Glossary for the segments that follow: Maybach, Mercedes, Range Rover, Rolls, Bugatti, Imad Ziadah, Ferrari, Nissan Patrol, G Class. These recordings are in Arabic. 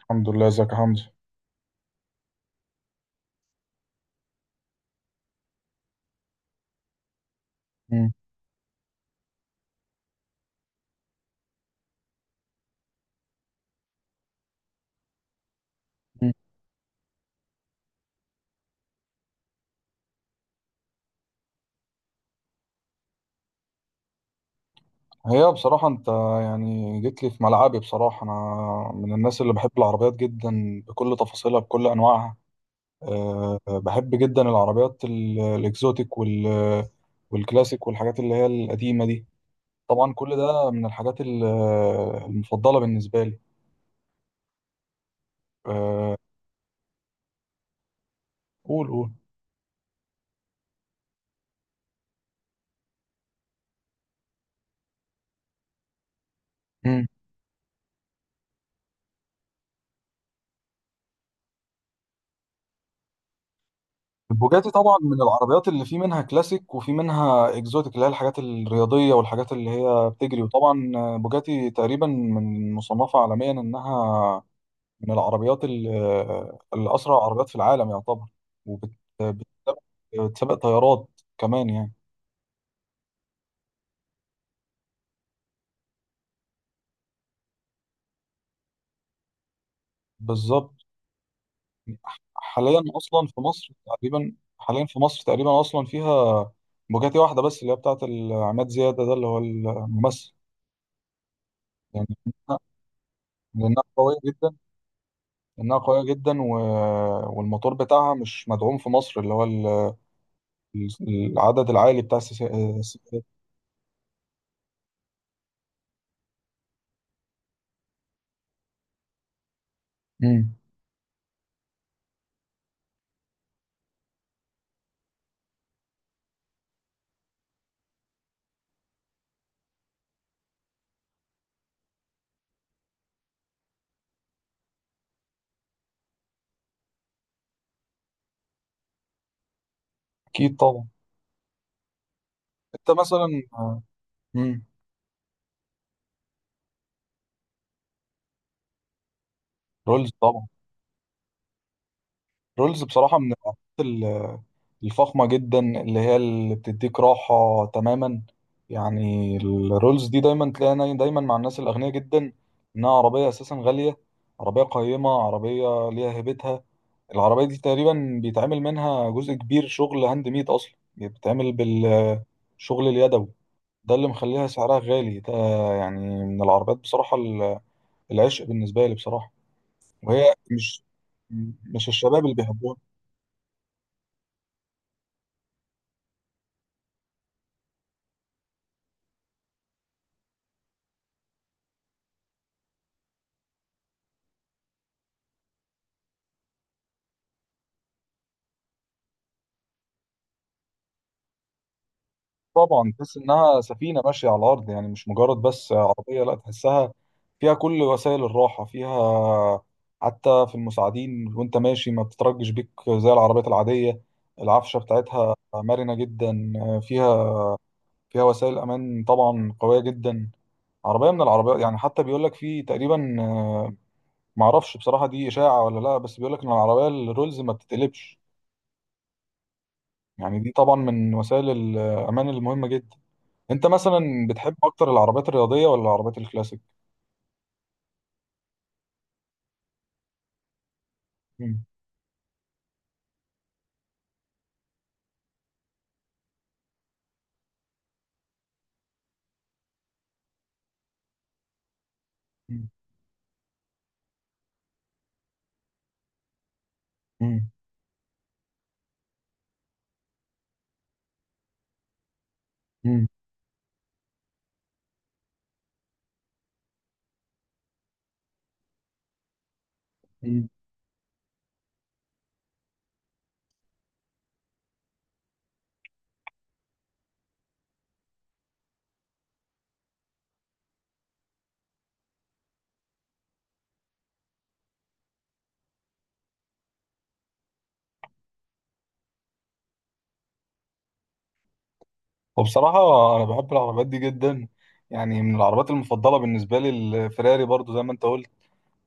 الحمد لله، ازيك يا حمزة؟ مم. مم. هي بصراحة انت يعني جيت لي في ملعبي. بصراحة انا من الناس اللي بحب العربيات جدا بكل تفاصيلها بكل انواعها. أه، بحب جدا العربيات الاكزوتيك والكلاسيك والحاجات اللي هي القديمة دي. طبعا كل ده من الحاجات المفضلة بالنسبة لي. أه، قول قول. البوجاتي طبعا من العربيات اللي في منها كلاسيك وفي منها اكزوتيك، اللي هي الحاجات الرياضيه والحاجات اللي هي بتجري. وطبعا بوجاتي تقريبا من مصنفه عالميا انها من العربيات اللي اسرع عربيات في العالم يعتبر، وبتسابق طيارات كمان يعني. بالظبط. حاليا اصلا في مصر تقريبا حاليا في مصر تقريبا اصلا فيها بوجاتي واحده بس، اللي هي بتاعت عماد زياده، ده اللي هو الممثل. يعني لأنها قويه جدا، انها قويه جدا والموتور بتاعها مش مدعوم في مصر، اللي هو ال- العدد العالي بتاع السي... مم. اكيد طبعا. انت مثلا مم. رولز طبعا. رولز بصراحه من العربيات الفخمه جدا اللي هي اللي بتديك راحه تماما. يعني الرولز دي دايما تلاقيها دايما مع الناس الاغنياء جدا، انها عربيه اساسا غاليه، عربيه قيمه، عربيه ليها هيبتها. العربية دي تقريبا بيتعمل منها جزء كبير شغل هاند ميد أصلا، يعني بتتعمل بالشغل اليدوي، ده اللي مخليها سعرها غالي ده. يعني من العربيات بصراحة العشق بالنسبة لي بصراحة. وهي مش الشباب اللي بيحبوها. طبعا تحس إنها سفينة ماشية على الأرض، يعني مش مجرد بس عربية، لا تحسها فيها كل وسائل الراحة، فيها حتى في المساعدين وانت ماشي ما بتترجش بيك زي العربيات العادية. العفشة بتاعتها مرنة جدا. فيها فيها وسائل امان طبعا قويه جدا. عربيه من العربيات، يعني حتى بيقول لك في تقريبا معرفش بصراحه دي اشاعه ولا لا، بس بيقول لك ان العربيه الرولز ما بتتقلبش. يعني دي طبعا من وسائل الامان المهمه جدا. انت مثلا بتحب اكتر العربيات الرياضيه ولا العربيات الكلاسيك؟ مم. مم. مم. مم. مم. وبصراحه انا بحب العربيات دي جدا، يعني من العربيات المفضله بالنسبه لي الفراري برضو زي ما انت قلت.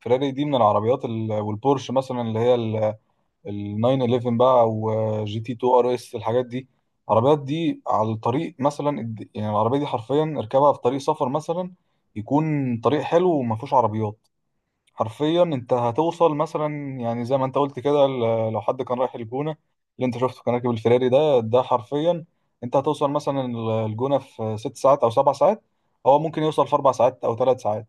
فراري دي من العربيات والبورش مثلا اللي هي ال 911 بقى، وجي تي 2 ار اس، الحاجات دي. العربيات دي على الطريق مثلا يعني العربيه دي حرفيا اركبها في طريق سفر مثلا يكون طريق حلو وما فيهوش عربيات. حرفيا انت هتوصل مثلا، يعني زي ما انت قلت كده، لو حد كان رايح الجونه اللي انت شفته كان راكب الفيراري، ده حرفيا انت هتوصل مثلا الجونه في ست ساعات او سبع ساعات، هو ممكن يوصل في اربع ساعات او ثلاث ساعات.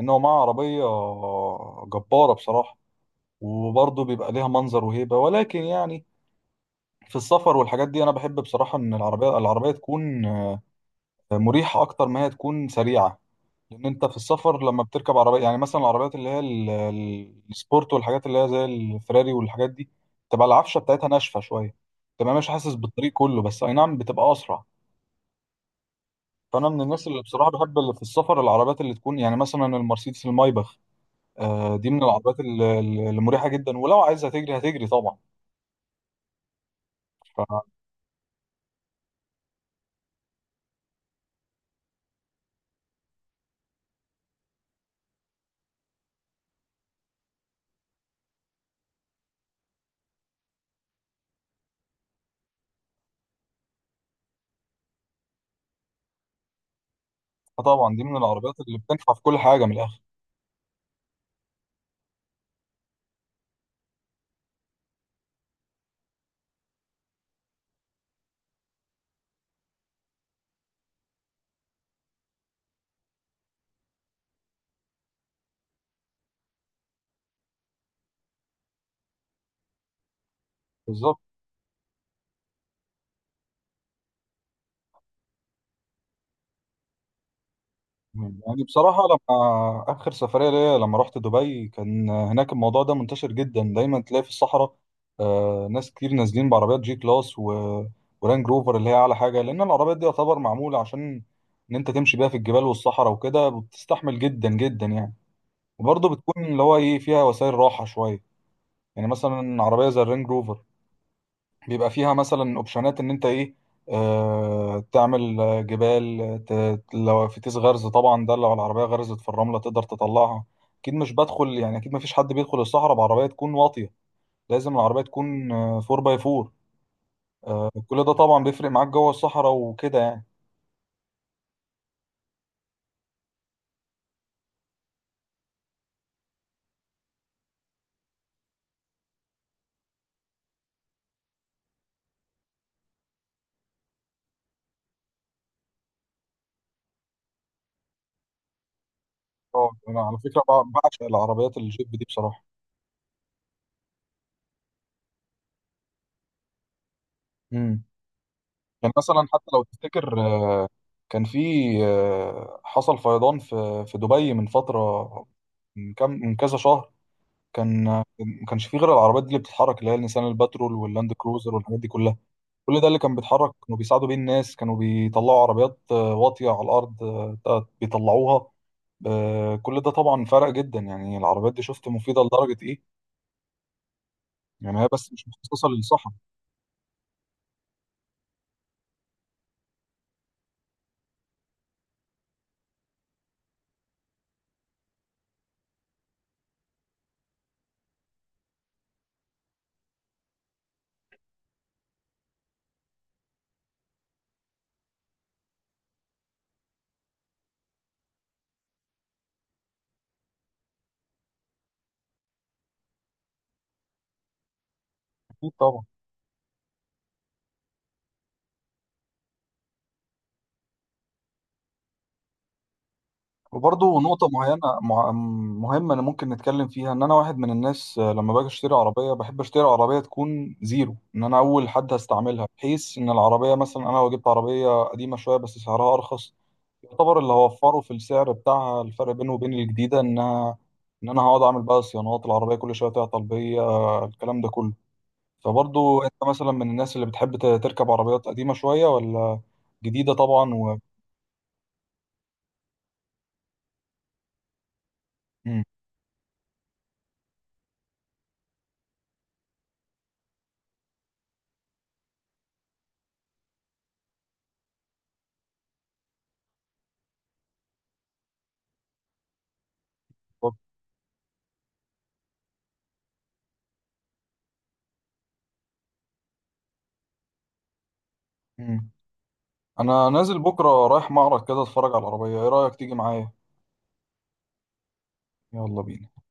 ان هو معاه عربيه جباره بصراحه، وبرضه بيبقى ليها منظر وهيبه. ولكن يعني في السفر والحاجات دي انا بحب بصراحه ان العربيه تكون مريحه اكتر ما هي تكون سريعه، لان انت في السفر لما بتركب عربيه، يعني مثلا العربيات اللي هي السبورت والحاجات اللي هي زي الفراري والحاجات دي، تبقى العفشه بتاعتها ناشفه شويه، تبقى مش حاسس بالطريق كله، بس اي نعم بتبقى اسرع. فانا من الناس اللي بصراحه بحب اللي في السفر العربيات اللي تكون يعني مثلا المرسيدس المايباخ. دي من العربيات المريحه جدا، ولو عايزه تجري هتجري طبعا. ف- فطبعا دي من العربيات اللي بتنفع في كل حاجه من الاخر. بالظبط. يعني بصراحة لما آخر سفرية ليا لما رحت دبي كان هناك الموضوع ده منتشر جدا، دايما تلاقي في الصحراء ناس كتير نازلين بعربيات جي كلاس ورانج روفر اللي هي أعلى حاجة، لأن العربيات دي يعتبر معمولة عشان إن أنت تمشي بيها في الجبال والصحراء وكده، بتستحمل جدا جدا يعني. وبرضه بتكون اللي هو إيه فيها وسائل راحة شوية. يعني مثلا عربية زي الرانج روفر بيبقى فيها مثلا اوبشنات ان انت ايه، آه تعمل جبال لو في تيس غرز، طبعا ده لو العربيه غرزت في الرمله تقدر تطلعها. اكيد مش بدخل، يعني اكيد ما فيش حد بيدخل الصحراء بعربيه تكون واطيه، لازم العربيه تكون 4 باي 4، كل ده طبعا بيفرق معاك جوه الصحراء وكده يعني. اه، انا على فكره بعشق العربيات الجيب دي بصراحه. امم كان مثلا، حتى لو تفتكر كان في حصل فيضان في دبي من فتره، من كذا شهر. ما كانش فيه غير العربيات دي اللي بتتحرك، اللي هي النيسان الباترول واللاند كروزر والحاجات دي كلها. كل ده اللي كان بيتحرك، كانوا بيساعدوا بيه الناس، كانوا بيطلعوا عربيات واطية على الأرض، بيطلعوها. كل ده طبعا فرق جدا، يعني العربيات دي شفت مفيدة لدرجة إيه. يعني هي بس مش مخصصة للصحة. أكيد طبعا. وبرضه نقطة معينة مهمة أنا ممكن نتكلم فيها، إن أنا واحد من الناس لما باجي أشتري عربية بحب أشتري عربية تكون زيرو، إن أنا أول حد هستعملها، بحيث إن العربية مثلا أنا لو جبت عربية قديمة شوية بس سعرها أرخص، يعتبر اللي هوفره في السعر بتاعها الفرق بينه وبين الجديدة، إنها إن أنا هقعد أعمل بقى صيانات العربية كل شوية تعطل بيا الكلام ده كله. فبرضه أنت مثلا من الناس اللي بتحب تركب عربيات قديمة شوية ولا جديدة طبعا مم. مم. انا نازل بكره رايح معرض كده اتفرج على العربيه، ايه رايك تيجي معايا؟ يلا بينا.